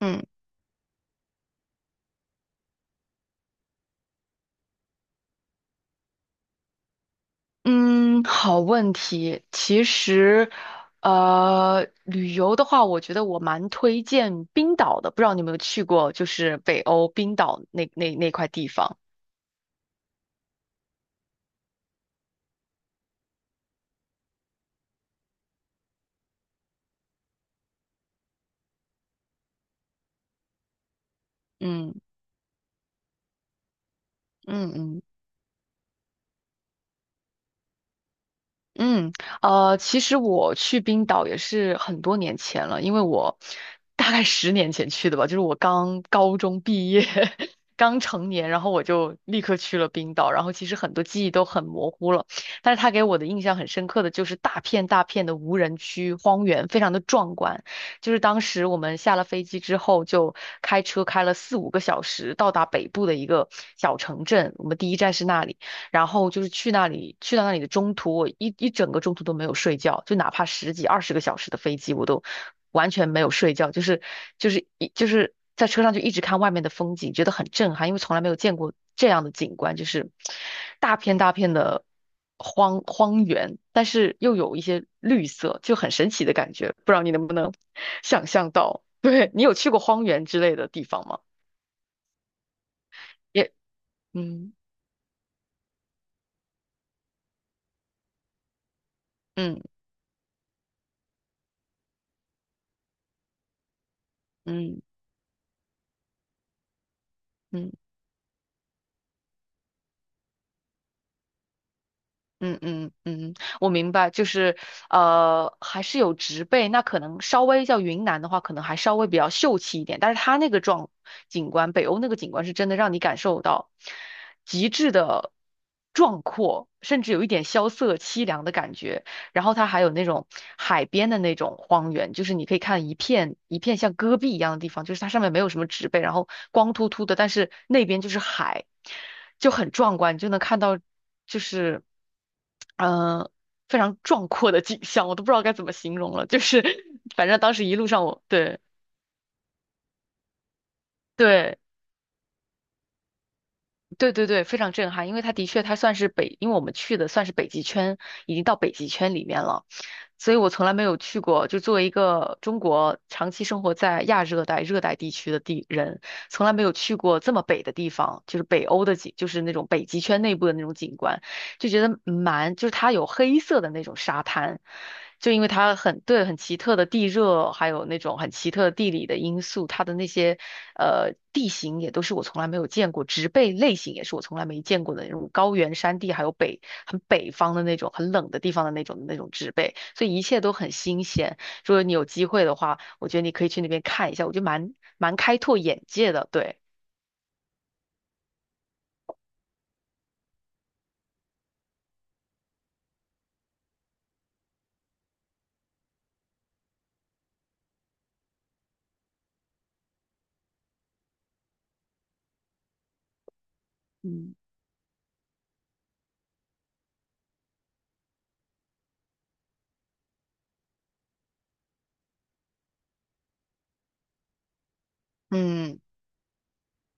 嗯嗯，好问题。其实，旅游的话，我觉得我蛮推荐冰岛的。不知道你有没有去过，就是北欧冰岛那块地方。嗯嗯嗯。嗯，其实我去冰岛也是很多年前了，因为我大概10年前去的吧，就是我刚高中毕业，刚成年，然后我就立刻去了冰岛，然后其实很多记忆都很模糊了，但是他给我的印象很深刻的就是大片大片的无人区荒原，非常的壮观。就是当时我们下了飞机之后，就开车开了四五个小时到达北部的一个小城镇，我们第一站是那里。然后就是去那里，去到那里的中途，我整个中途都没有睡觉，就哪怕十几、20个小时的飞机，我都完全没有睡觉，就是就是一就是在车上就一直看外面的风景，觉得很震撼，因为从来没有见过这样的景观，就是大片大片的荒原，但是又有一些绿色，就很神奇的感觉，不知道你能不能 想象到？对，你有去过荒原之类的地方吗？也，嗯嗯嗯嗯。嗯嗯嗯，我明白，就是还是有植被，那可能稍微叫云南的话，可能还稍微比较秀气一点，但是它那个景观，北欧那个景观是真的让你感受到极致的壮阔，甚至有一点萧瑟凄凉的感觉。然后它还有那种海边的那种荒原，就是你可以看一片一片像戈壁一样的地方，就是它上面没有什么植被，然后光秃秃的，但是那边就是海，就很壮观，你就能看到就是嗯，呃，非常壮阔的景象，我都不知道该怎么形容了，就是 反正当时一路上我对。对对对对，非常震撼，因为它的确它算是北，因为我们去的算是北极圈，已经到北极圈里面了，所以我从来没有去过。就作为一个中国长期生活在亚热带、热带地区的地人，从来没有去过这么北的地方，就是北欧的景，就是那种北极圈内部的那种景观。就觉得蛮，就是它有黑色的那种沙滩，就因为它很，对，很奇特的地热，还有那种很奇特的地理的因素，它的那些地形也都是我从来没有见过，植被类型也是我从来没见过的那种高原山地，还有很北方的那种很冷的地方的那种那种植被，所以一切都很新鲜。如果你有机会的话，我觉得你可以去那边看一下，我觉得蛮开拓眼界的，对，嗯，嗯。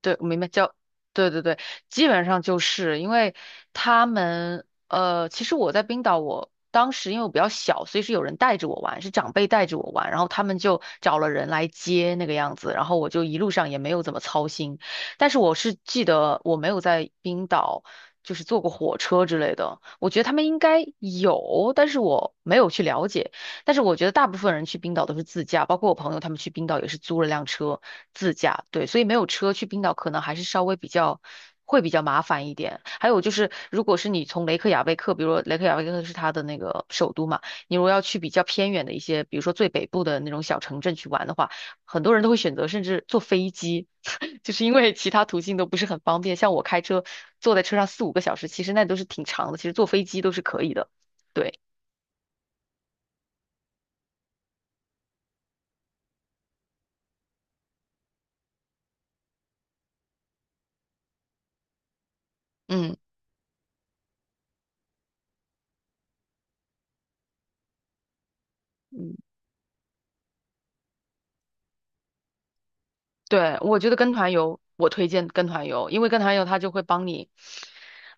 对，我明白叫，对对对，基本上就是因为他们，其实我在冰岛我，当时因为我比较小，所以是有人带着我玩，是长辈带着我玩，然后他们就找了人来接那个样子，然后我就一路上也没有怎么操心，但是我是记得我没有在冰岛就是坐过火车之类的，我觉得他们应该有，但是我没有去了解。但是我觉得大部分人去冰岛都是自驾，包括我朋友他们去冰岛也是租了辆车自驾，对，所以没有车去冰岛可能还是稍微比较会比较麻烦一点。还有就是，如果是你从雷克雅未克，比如说雷克雅未克是它的那个首都嘛，你如果要去比较偏远的一些，比如说最北部的那种小城镇去玩的话，很多人都会选择甚至坐飞机，就是因为其他途径都不是很方便。像我开车坐在车上四五个小时，其实那都是挺长的，其实坐飞机都是可以的。对，嗯。嗯对，我觉得跟团游，我推荐跟团游，因为跟团游他就会帮你，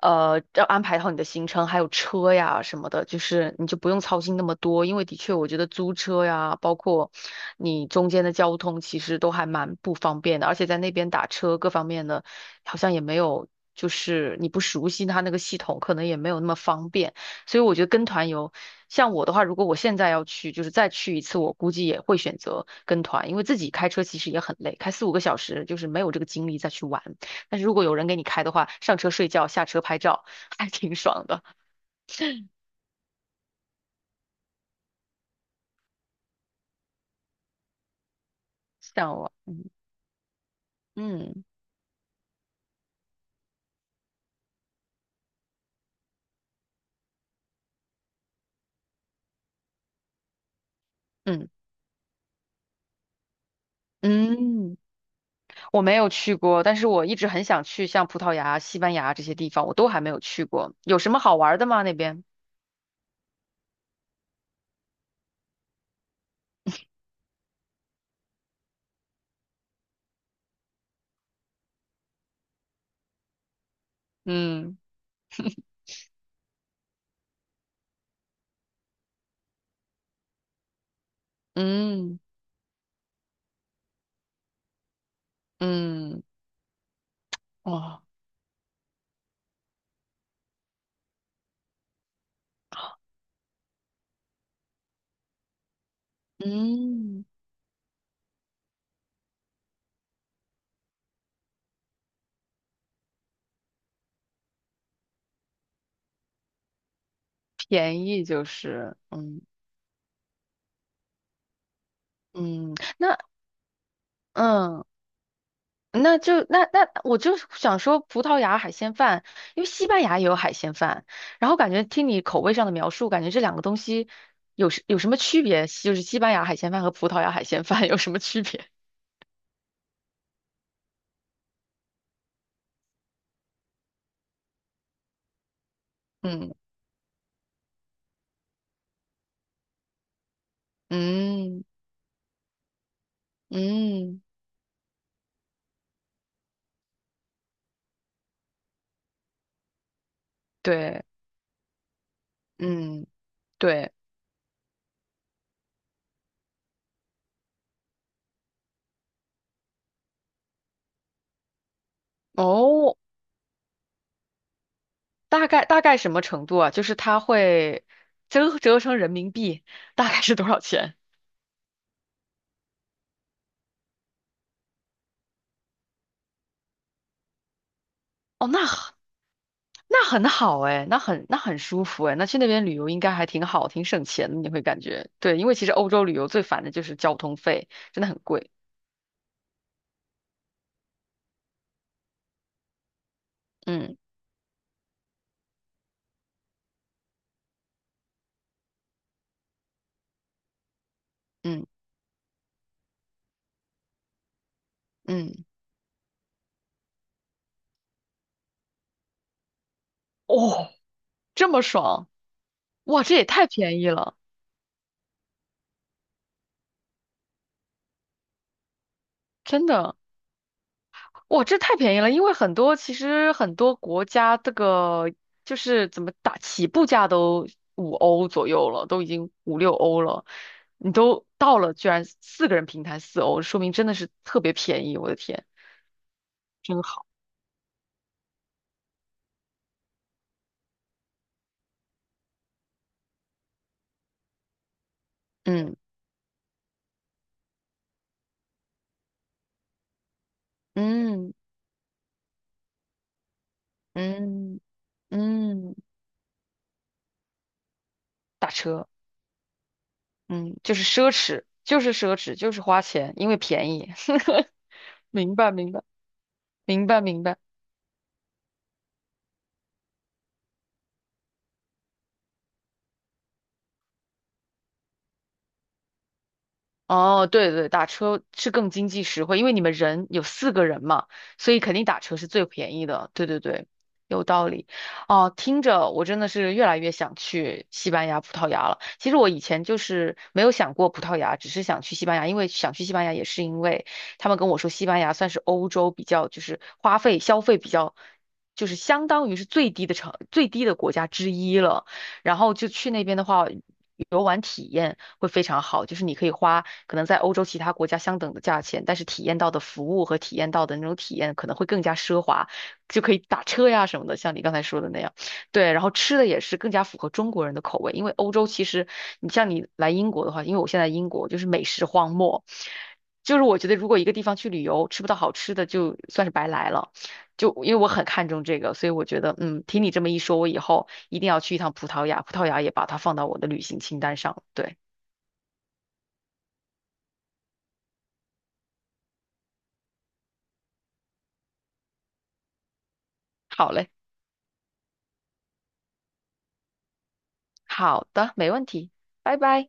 要安排好你的行程，还有车呀什么的，就是你就不用操心那么多。因为的确，我觉得租车呀，包括你中间的交通，其实都还蛮不方便的，而且在那边打车各方面的，好像也没有，就是你不熟悉它那个系统，可能也没有那么方便。所以我觉得跟团游，像我的话，如果我现在要去，就是再去一次，我估计也会选择跟团，因为自己开车其实也很累，开四五个小时就是没有这个精力再去玩。但是如果有人给你开的话，上车睡觉，下车拍照，还挺爽的。嗯嗯嗯嗯，我没有去过，但是我一直很想去，像葡萄牙、西班牙这些地方，我都还没有去过。有什么好玩的吗？那边？嗯嗯嗯，哦，嗯。便宜就是，嗯嗯嗯，那我就想说葡萄牙海鲜饭，因为西班牙也有海鲜饭，然后感觉听你口味上的描述，感觉这两个东西有什么区别？就是西班牙海鲜饭和葡萄牙海鲜饭有什么区别？嗯嗯嗯，对，嗯对，哦，大概什么程度啊？就是它会折成人民币大概是多少钱？哦，那很好哎，那很舒服哎，那去那边旅游应该还挺好，挺省钱的，你会感觉对，因为其实欧洲旅游最烦的就是交通费，真的很贵。嗯嗯嗯，哦，这么爽，哇，这也太便宜了，真的，哇，这太便宜了，因为很多其实很多国家这个就是怎么打起步价都5欧左右了，都已经五六欧了，你都到了，居然四个人平摊4欧，说明真的是特别便宜，我的天，真好，嗯。嗯嗯嗯，打车，嗯，就是奢侈，就是奢侈，就是花钱，因为便宜。明白，明白，明白，明白。哦，对对对，打车是更经济实惠，因为你们人有四个人嘛，所以肯定打车是最便宜的。对对对，有道理。哦，听着我真的是越来越想去西班牙、葡萄牙了。其实我以前就是没有想过葡萄牙，只是想去西班牙，因为想去西班牙也是因为他们跟我说西班牙算是欧洲比较就是花费消费比较。就是相当于是最低的国家之一了，然后就去那边的话。游玩体验会非常好，就是你可以花可能在欧洲其他国家相等的价钱，但是体验到的服务和体验到的那种体验可能会更加奢华，就可以打车呀什么的，像你刚才说的那样。对，然后吃的也是更加符合中国人的口味，因为欧洲其实你像你来英国的话，因为我现在英国就是美食荒漠，就是我觉得如果一个地方去旅游吃不到好吃的，就算是白来了。就因为我很看重这个，所以我觉得，嗯，听你这么一说，我以后一定要去一趟葡萄牙，葡萄牙也把它放到我的旅行清单上了。对，好嘞，好的，没问题，拜拜。